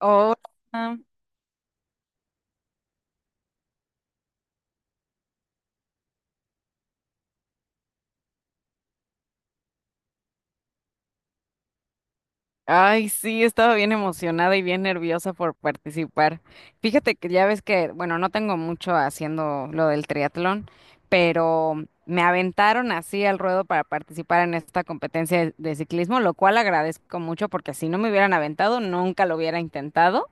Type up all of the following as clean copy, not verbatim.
Hola. Ay, sí, estaba bien emocionada y bien nerviosa por participar. Fíjate que ya ves que, bueno, no tengo mucho haciendo lo del triatlón, pero me aventaron así al ruedo para participar en esta competencia de ciclismo, lo cual agradezco mucho porque si no me hubieran aventado, nunca lo hubiera intentado.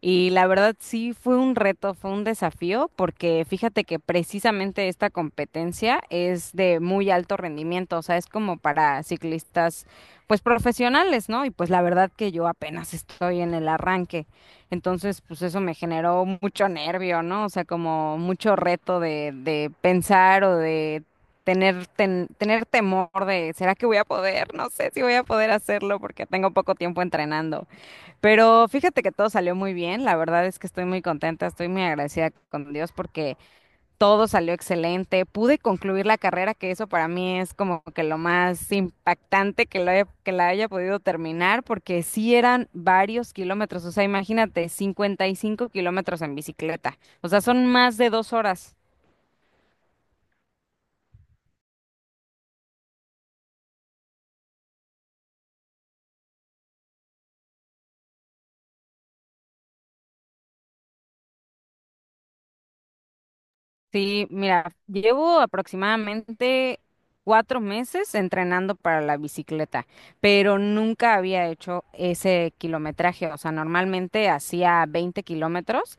Y la verdad sí fue un reto, fue un desafío, porque fíjate que precisamente esta competencia es de muy alto rendimiento, o sea, es como para ciclistas pues profesionales, ¿no? Y pues la verdad que yo apenas estoy en el arranque, entonces pues eso me generó mucho nervio, ¿no? O sea, como mucho reto de pensar o de tener temor de, ¿será que voy a poder? No sé si voy a poder hacerlo porque tengo poco tiempo entrenando. Pero fíjate que todo salió muy bien, la verdad es que estoy muy contenta, estoy muy agradecida con Dios porque todo salió excelente, pude concluir la carrera, que eso para mí es como que lo más impactante que, que la haya podido terminar, porque sí eran varios kilómetros, o sea, imagínate, 55 kilómetros en bicicleta, o sea, son más de 2 horas. Sí, mira, llevo aproximadamente 4 meses entrenando para la bicicleta, pero nunca había hecho ese kilometraje. O sea, normalmente hacía 20 kilómetros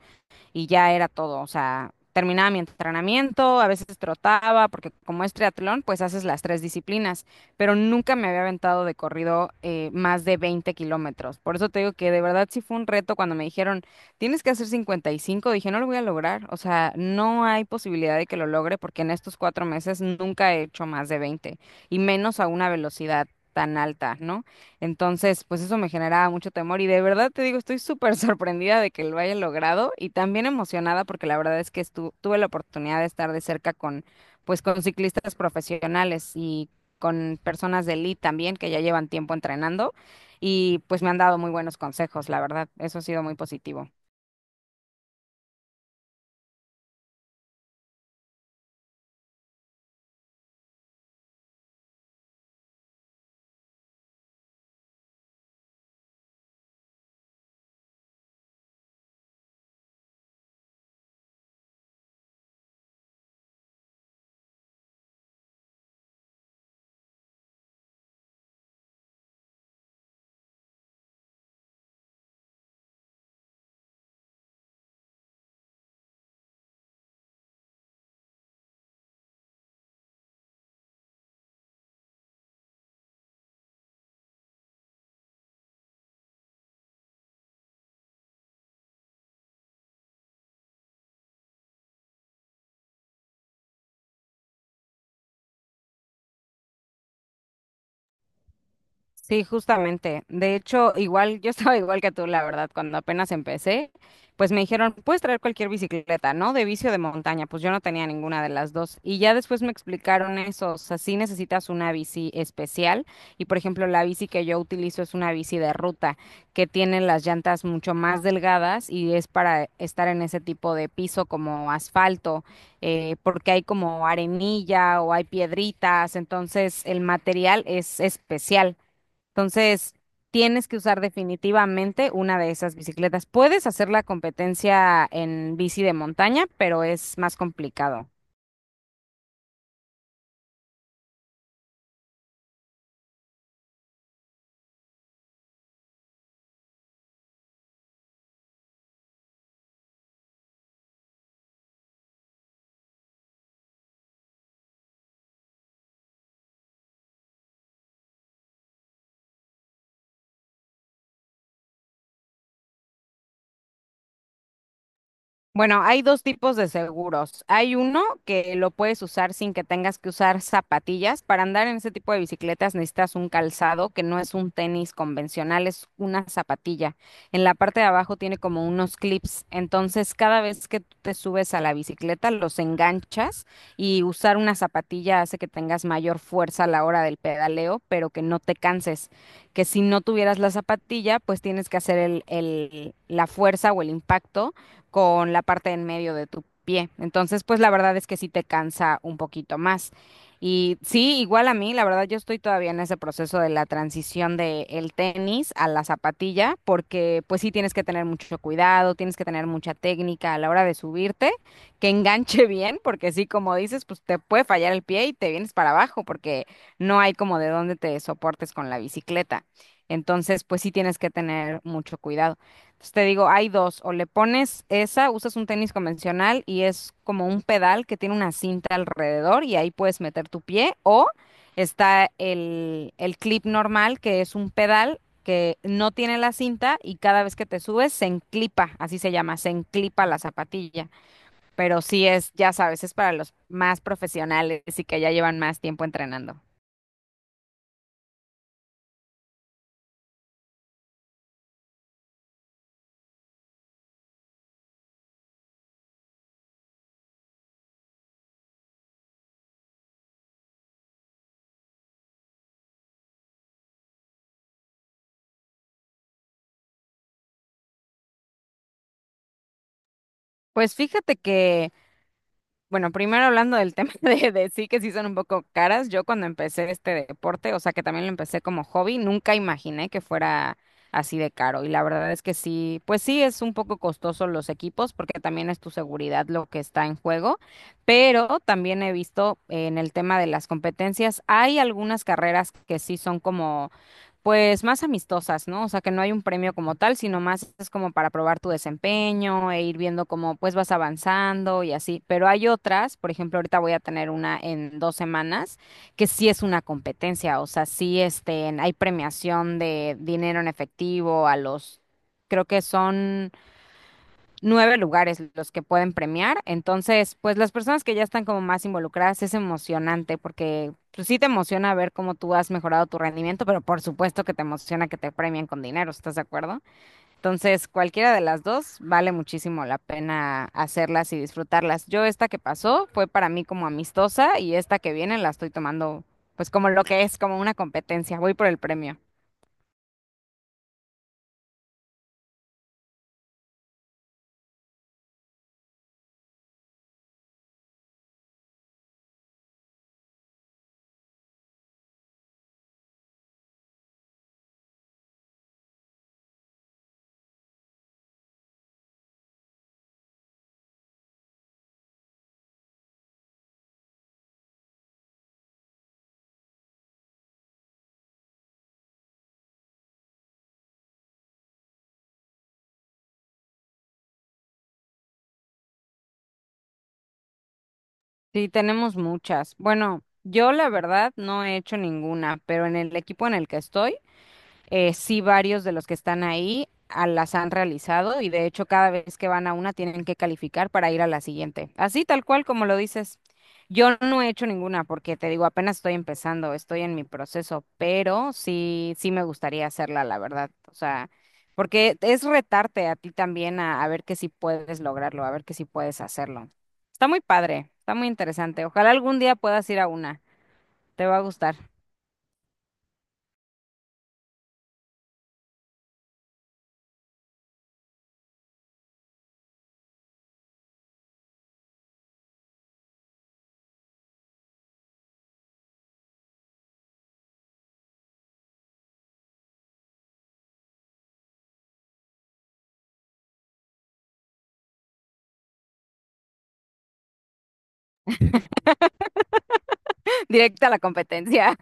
y ya era todo. O sea, terminaba mi entrenamiento, a veces trotaba, porque como es triatlón, pues haces las tres disciplinas, pero nunca me había aventado de corrido más de 20 kilómetros. Por eso te digo que de verdad sí fue un reto cuando me dijeron, tienes que hacer 55 dije, no lo voy a lograr. O sea, no hay posibilidad de que lo logre porque en estos 4 meses nunca he hecho más de 20 y menos a una velocidad tan alta, ¿no? Entonces, pues eso me generaba mucho temor y de verdad te digo, estoy súper sorprendida de que lo haya logrado y también emocionada porque la verdad es que tuve la oportunidad de estar de cerca con, pues con ciclistas profesionales y con personas de elite también que ya llevan tiempo entrenando y pues me han dado muy buenos consejos, la verdad, eso ha sido muy positivo. Sí, justamente. De hecho, igual yo estaba igual que tú, la verdad, cuando apenas empecé, pues me dijeron, puedes traer cualquier bicicleta, ¿no? De vicio de montaña. Pues yo no tenía ninguna de las dos. Y ya después me explicaron eso, o sea, sí necesitas una bici especial. Y por ejemplo, la bici que yo utilizo es una bici de ruta, que tiene las llantas mucho más delgadas y es para estar en ese tipo de piso como asfalto porque hay como arenilla o hay piedritas, entonces el material es especial. Entonces, tienes que usar definitivamente una de esas bicicletas. Puedes hacer la competencia en bici de montaña, pero es más complicado. Bueno, hay dos tipos de seguros. Hay uno que lo puedes usar sin que tengas que usar zapatillas. Para andar en ese tipo de bicicletas necesitas un calzado que no es un tenis convencional, es una zapatilla. En la parte de abajo tiene como unos clips. Entonces, cada vez que tú te subes a la bicicleta, los enganchas y usar una zapatilla hace que tengas mayor fuerza a la hora del pedaleo, pero que no te canses. Que si no tuvieras la zapatilla, pues tienes que hacer el, la fuerza o el impacto con la parte en medio de tu pie. Entonces, pues la verdad es que sí te cansa un poquito más. Y sí, igual a mí, la verdad yo estoy todavía en ese proceso de la transición de el tenis a la zapatilla, porque pues sí tienes que tener mucho cuidado, tienes que tener mucha técnica a la hora de subirte, que enganche bien, porque sí, como dices, pues te puede fallar el pie y te vienes para abajo, porque no hay como de dónde te soportes con la bicicleta. Entonces, pues sí tienes que tener mucho cuidado. Entonces, te digo, hay dos, o le pones esa, usas un tenis convencional y es como un pedal que tiene una cinta alrededor y ahí puedes meter tu pie, o está el clip normal que es un pedal que no tiene la cinta y cada vez que te subes se enclipa, así se llama, se enclipa la zapatilla, pero sí es, ya sabes, es para los más profesionales y que ya llevan más tiempo entrenando. Pues fíjate que. Bueno, primero hablando del tema de, sí que sí son un poco caras, yo cuando empecé este deporte, o sea que también lo empecé como hobby, nunca imaginé que fuera así de caro y la verdad es que sí, pues sí es un poco costoso los equipos porque también es tu seguridad lo que está en juego, pero también he visto en el tema de las competencias, hay algunas carreras que sí son como pues más amistosas, ¿no? O sea, que no hay un premio como tal, sino más es como para probar tu desempeño e ir viendo cómo pues vas avanzando y así. Pero hay otras, por ejemplo, ahorita voy a tener una en 2 semanas, que sí es una competencia, o sea, sí este, hay premiación de dinero en efectivo a los, creo que son nueve lugares los que pueden premiar. Entonces, pues las personas que ya están como más involucradas es emocionante porque pues, sí te emociona ver cómo tú has mejorado tu rendimiento, pero por supuesto que te emociona que te premien con dinero, ¿estás de acuerdo? Entonces, cualquiera de las dos vale muchísimo la pena hacerlas y disfrutarlas. Yo esta que pasó fue para mí como amistosa y esta que viene la estoy tomando pues como lo que es, como una competencia. Voy por el premio. Sí, tenemos muchas. Bueno, yo la verdad no he hecho ninguna, pero en el equipo en el que estoy, sí, varios de los que están ahí las han realizado y de hecho cada vez que van a una tienen que calificar para ir a la siguiente. Así tal cual como lo dices. Yo no he hecho ninguna porque te digo, apenas estoy empezando, estoy en mi proceso, pero sí, sí me gustaría hacerla, la verdad. O sea, porque es retarte a ti también a ver que si puedes lograrlo, a ver que si puedes hacerlo. Está muy padre, está muy interesante. Ojalá algún día puedas ir a una. Te va a gustar. Directa a la competencia.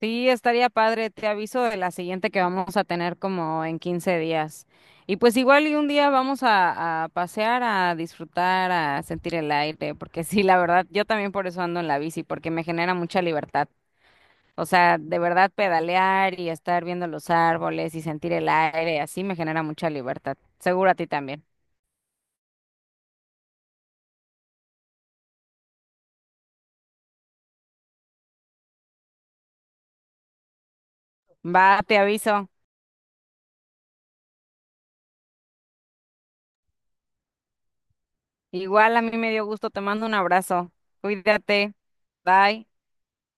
Sí, estaría padre, te aviso de la siguiente que vamos a tener como en 15 días. Y pues igual y un día vamos a, pasear, a disfrutar, a sentir el aire, porque sí, la verdad, yo también por eso ando en la bici, porque me genera mucha libertad. O sea, de verdad pedalear y estar viendo los árboles y sentir el aire, así me genera mucha libertad. Seguro a ti también. Va, te aviso. Igual a mí me dio gusto, te mando un abrazo. Cuídate. Bye.